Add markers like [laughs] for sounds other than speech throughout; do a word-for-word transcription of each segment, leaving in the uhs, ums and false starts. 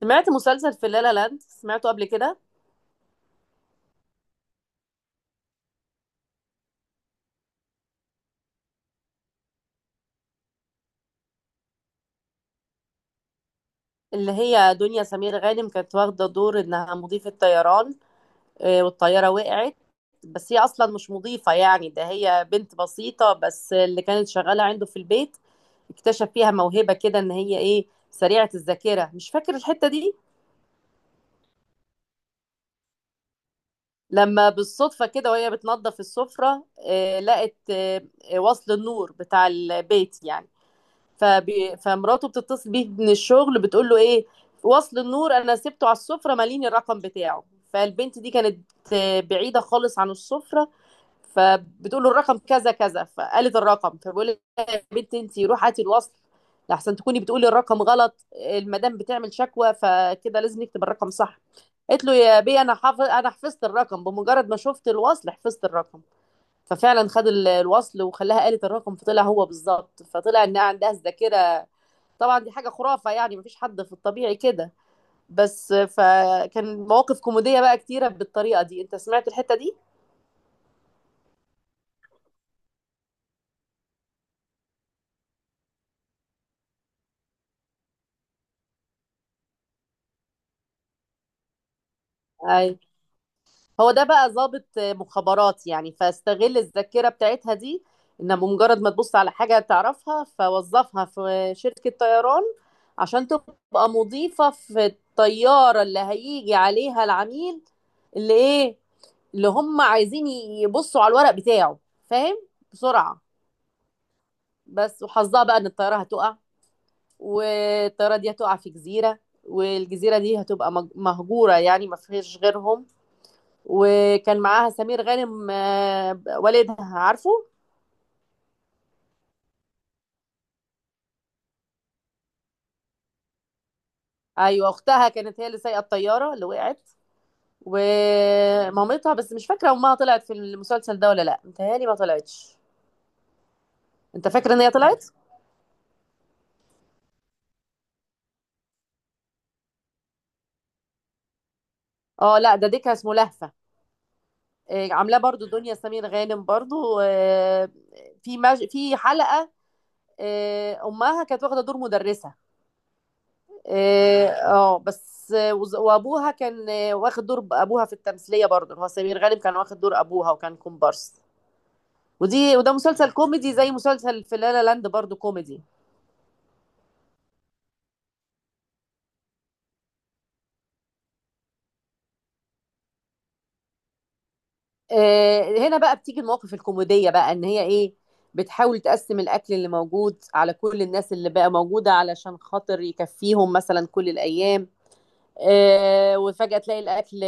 سمعت مسلسل في لالا لاند، سمعته قبل كده؟ اللي هي دنيا سمير غانم كانت واخدة دور انها مضيفة طيران. آه، والطيارة وقعت، بس هي اصلا مش مضيفة، يعني ده هي بنت بسيطة بس اللي كانت شغالة عنده في البيت. اكتشف فيها موهبة كده ان هي ايه، سريعة الذاكرة. مش فاكر الحتة دي. لما بالصدفة كده وهي بتنظف السفرة، آه، لقت آه، آه، وصل النور بتاع البيت يعني. فبي... فمراته بتتصل بيه من الشغل، بتقول له ايه، وصل النور انا سبته على السفره، ماليني الرقم بتاعه. فالبنت دي كانت آه، بعيده خالص عن السفره، فبتقول له الرقم كذا كذا، فقالت الرقم، فبيقول لها يا بنت انت روحي هاتي الوصل، لحسن تكوني بتقولي الرقم غلط، المدام بتعمل شكوى، فكده لازم نكتب الرقم صح. قالت له يا بي انا حافظ، انا حفظت الرقم بمجرد ما شفت الوصل، حفظت الرقم. ففعلا خد ال- الوصل وخلاها قالت الرقم، فطلع هو بالظبط، فطلع انها عندها الذاكره. طبعا دي حاجة خرافة يعني، مفيش حد في الطبيعي كده، بس فكان مواقف كوميدية بقى كتيرة بالطريقة دي. انت سمعت الحتة دي؟ اي. هو ده بقى ضابط مخابرات يعني، فاستغل الذاكرة بتاعتها دي، انها بمجرد ما تبص على حاجة تعرفها، فوظفها في شركة طيران عشان تبقى مضيفة في الطيارة اللي هيجي عليها العميل، اللي ايه، اللي هم عايزين يبصوا على الورق بتاعه، فاهم، بسرعة. بس وحظها بقى ان الطيارة هتقع، والطيارة دي هتقع في جزيرة، والجزيرة دي هتبقى مج- مهجورة يعني، ما فيهاش غيرهم. وكان معاها سمير غانم، آه، والدها، عارفه. ايوه، اختها كانت هي اللي سايقه الطياره اللي وقعت ومامتها، بس مش فاكره امها طلعت في المسلسل ده ولا لا، متهيألي ما طلعتش. انت فاكره ان هي طلعت؟ اه لا، ده ديكها اسمه لهفه. آه، عاملاه برضو دنيا سمير غانم برضو. آه، في مج... في حلقه، آه، امها كانت واخده دور مدرسه. اه، آه، بس آه، وز- وابوها كان آه، واخد دور ابوها في التمثيليه، برضه هو سمير غانم كان واخد دور ابوها وكان كومبارس. ودي وده مسلسل كوميدي زي مسلسل في لا لا لاند، برضه كوميدي. آه، هنا بقى بتيجي المواقف الكوميديه، بقى ان هي ايه، بتحاول تقسم الاكل اللي موجود على كل الناس اللي بقى موجوده، علشان خاطر يكفيهم مثلا كل الايام. آه، وفجاه تلاقي الاكل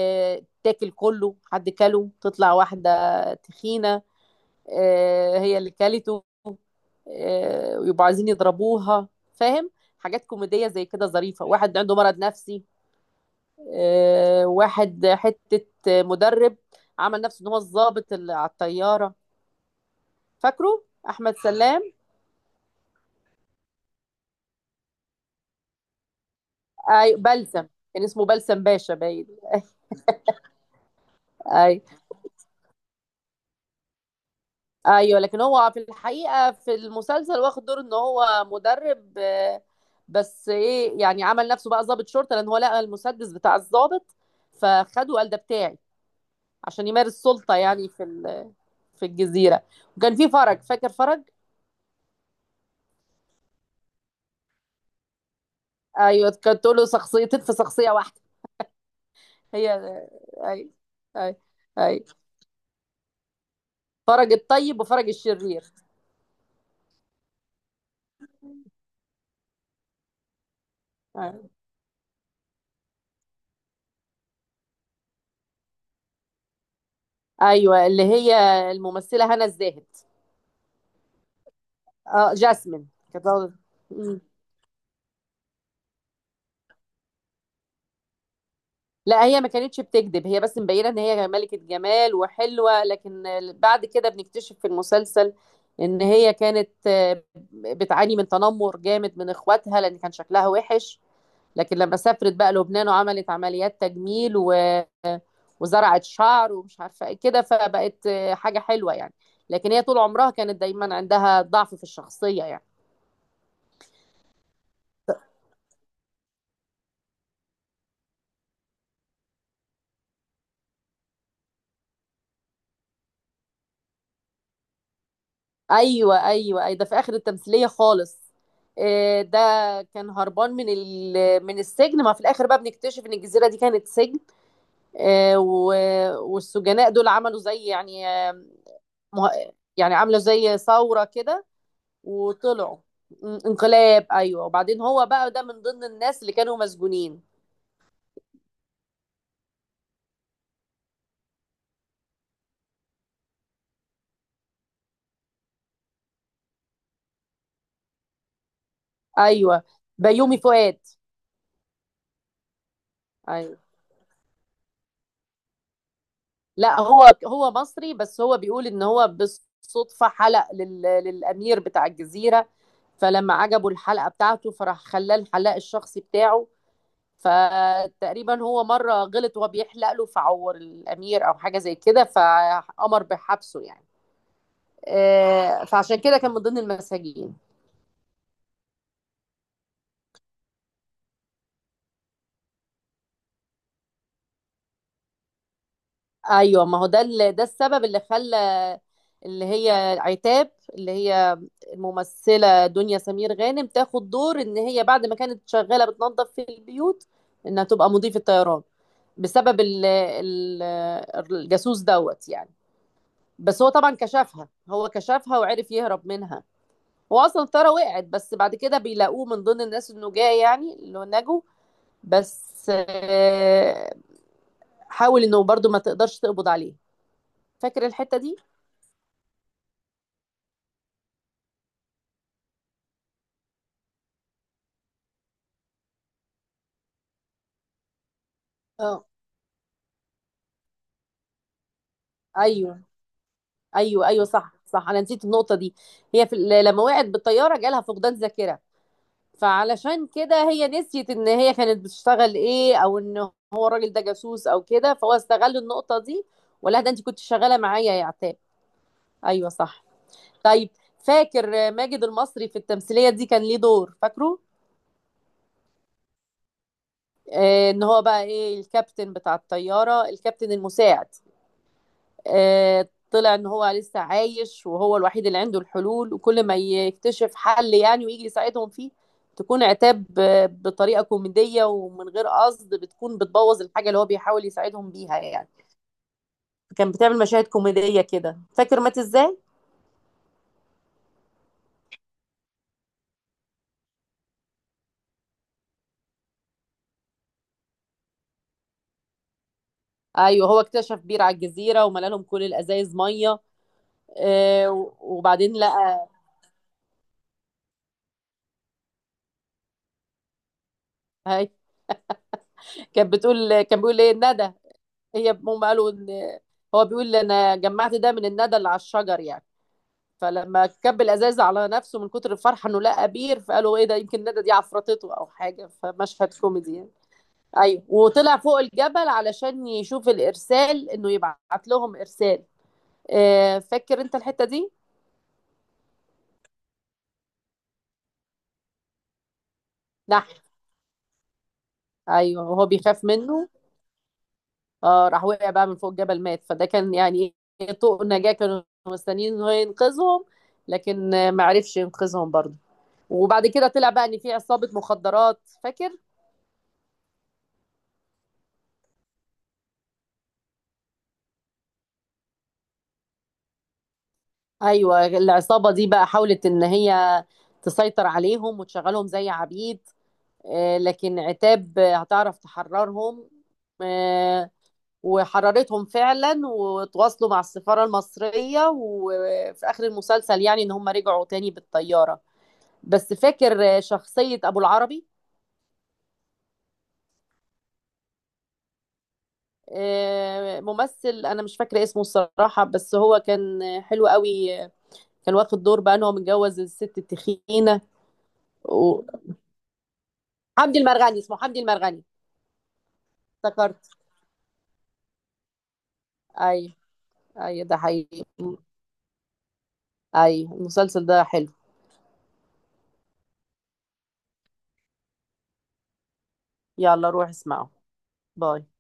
تاكل كله، حد كله، تطلع واحده تخينه، آه، هي اللي كلته، آه، ويبقوا عايزين يضربوها، فاهم. حاجات كوميدية زي كده ظريفة. واحد عنده مرض نفسي، آه، واحد حتة مدرب، عمل نفسه ان هو الضابط اللي على الطيارة. فاكره؟ احمد سلام. اي بلسم، كان اسمه بلسم باشا باين [laughs] أي- ايوه لكن هو في الحقيقه في المسلسل واخد دور ان هو مدرب، آه، بس ايه يعني عمل نفسه بقى ضابط شرطه، لان هو لقى المسدس بتاع الضابط فخده، قال ده بتاعي، عشان يمارس سلطه يعني في ال- في الجزيره. وكان في فرج، فاكر فرج؟ ايوه كانت تقول له شخصيتين في شخصيه واحده. هي اي اي اي، فرج الطيب وفرج الشرير. أي. ايوه اللي هي الممثله هنا الزاهد. اه جاسمين كانت. لا هي ما كانتش بتكذب، هي بس مبينه ان هي ملكه جمال وحلوه، لكن بعد كده بنكتشف في المسلسل ان هي كانت آه، بتعاني من تنمر جامد من اخواتها لان كان شكلها وحش، لكن لما سافرت بقى لبنان وعملت عمليات تجميل و- وزرعت شعر ومش عارفه ايه كده، فبقت آه، حاجه حلوه يعني، لكن هي طول عمرها كانت دايما عندها ضعف في الشخصيه يعني. ايوه ايوه اي، ده في اخر التمثيليه خالص. آه، ده كان هربان من ال... من السجن، ما في الاخر بقى بنكتشف ان الجزيره دي كانت سجن، آه، و... والسجناء دول عملوا زي يعني آه، مه- يعني عملوا زي ثوره كده وطلعوا. م- انقلاب، ايوه، وبعدين هو بقى ده من ضمن الناس اللي كانوا مسجونين. ايوه، بيومي فؤاد. ايوه، لأ هو هو مصري، بس هو بيقول إن هو بالصدفة حلق لل للأمير بتاع الجزيرة، فلمّا عجبه الحلقة بتاعته فراح خلّاه الحلاق الشخصي بتاعه، فتقريبا هو مرّة غلط وهو بيحلق له فعوّر الأمير أو حاجة زي كده، فقام بحبسه يعني. آآ، فعشان كده كان من ضمن المساجين. ايوه ما هو ده ال- ده السبب اللي خلى اللي هي عتاب، اللي هي الممثله دنيا سمير غانم، تاخد دور ان هي بعد ما كانت شغاله بتنظف في البيوت انها تبقى مضيفه طيران، بسبب ال ال الجاسوس دوت يعني. بس هو طبعا كشفها، هو كشفها وعرف يهرب منها. هو اصلا الطياره وقعت، بس بعد كده بيلاقوه من ضمن الناس النجاه يعني اللي نجوا، بس آه، حاول انه برضو ما تقدرش تقبض عليه. فاكر الحته دي؟ اه ايوه ايوه، ايوه صح صح، انا نسيت النقطه دي. هي في ال- لما وقعت بالطياره جالها فقدان ذاكره، فعلشان كده هي نسيت ان هي كانت بتشتغل ايه، او ان هو الراجل ده جاسوس او كده، فهو استغل النقطه دي، ولا ده انت كنت شغاله معايا يا عتاب. ايوه صح، طيب. فاكر ماجد المصري في التمثيليه دي كان ليه دور؟ فاكره؟ آه ان هو بقى ايه، الكابتن بتاع الطياره، الكابتن المساعد. آه، طلع ان هو لسه عايش، وهو الوحيد اللي عنده الحلول، وكل ما يكتشف حل يعني ويجي يساعدهم فيه، تكون عتاب آه، بطريقة كوميدية ومن غير قصد بتكون بتبوظ الحاجة اللي هو بيحاول يساعدهم بيها يعني. كان بتعمل مشاهد كوميدية كده. فاكر مات ازاي؟ ايوه هو اكتشف بير على الجزيرة وملى لهم كل الازايز مية. آه، و- وبعدين لقى، هاي كانت بتقول، كان بيقول ايه الندى. هي هم قالوا ان هو بيقول انا جمعت ده من الندى اللي على الشجر يعني، فلما كب الازاز على نفسه من كتر الفرحه انه لقى بير، فقالوا ايه ده، يمكن ندى دي عفرتته او حاجه، فمشهد كوميدي يعني. ايوه، وطلع فوق الجبل علشان يشوف الارسال، انه يبعت لهم ارسال. آه، فاكر انت الحته دي؟ نح، ايوه، وهو بيخاف منه. اه راح وقع بقى من فوق الجبل، مات. فده كان يعني إيه، طوق النجاه كانوا مستنيين إن هو ينقذهم، لكن آه، ما عرفش ينقذهم برضه. وبعد كده طلع بقى ان في عصابه مخدرات، فاكر؟ ايوه العصابه دي بقى حاولت ان هي تسيطر عليهم وتشغلهم زي عبيد، آه، لكن عتاب آه، هتعرف تحررهم، آه، وحررتهم فعلا، وتواصلوا مع السفاره المصريه، وفي اخر المسلسل يعني ان هم رجعوا تاني بالطياره. بس فاكر آه، شخصيه ابو العربي؟ آه، ممثل انا مش فاكره اسمه الصراحه، بس هو كان آه، حلو قوي. آه، كان واخد دور بقى ان هو متجوز الست التخينه و- حمدي المرغني، اسمه حمدي المرغني. افتكرت؟ ايوه ايوه، ده حقيقي. ايوه المسلسل ده حلو. يلا روح اسمعه. باي.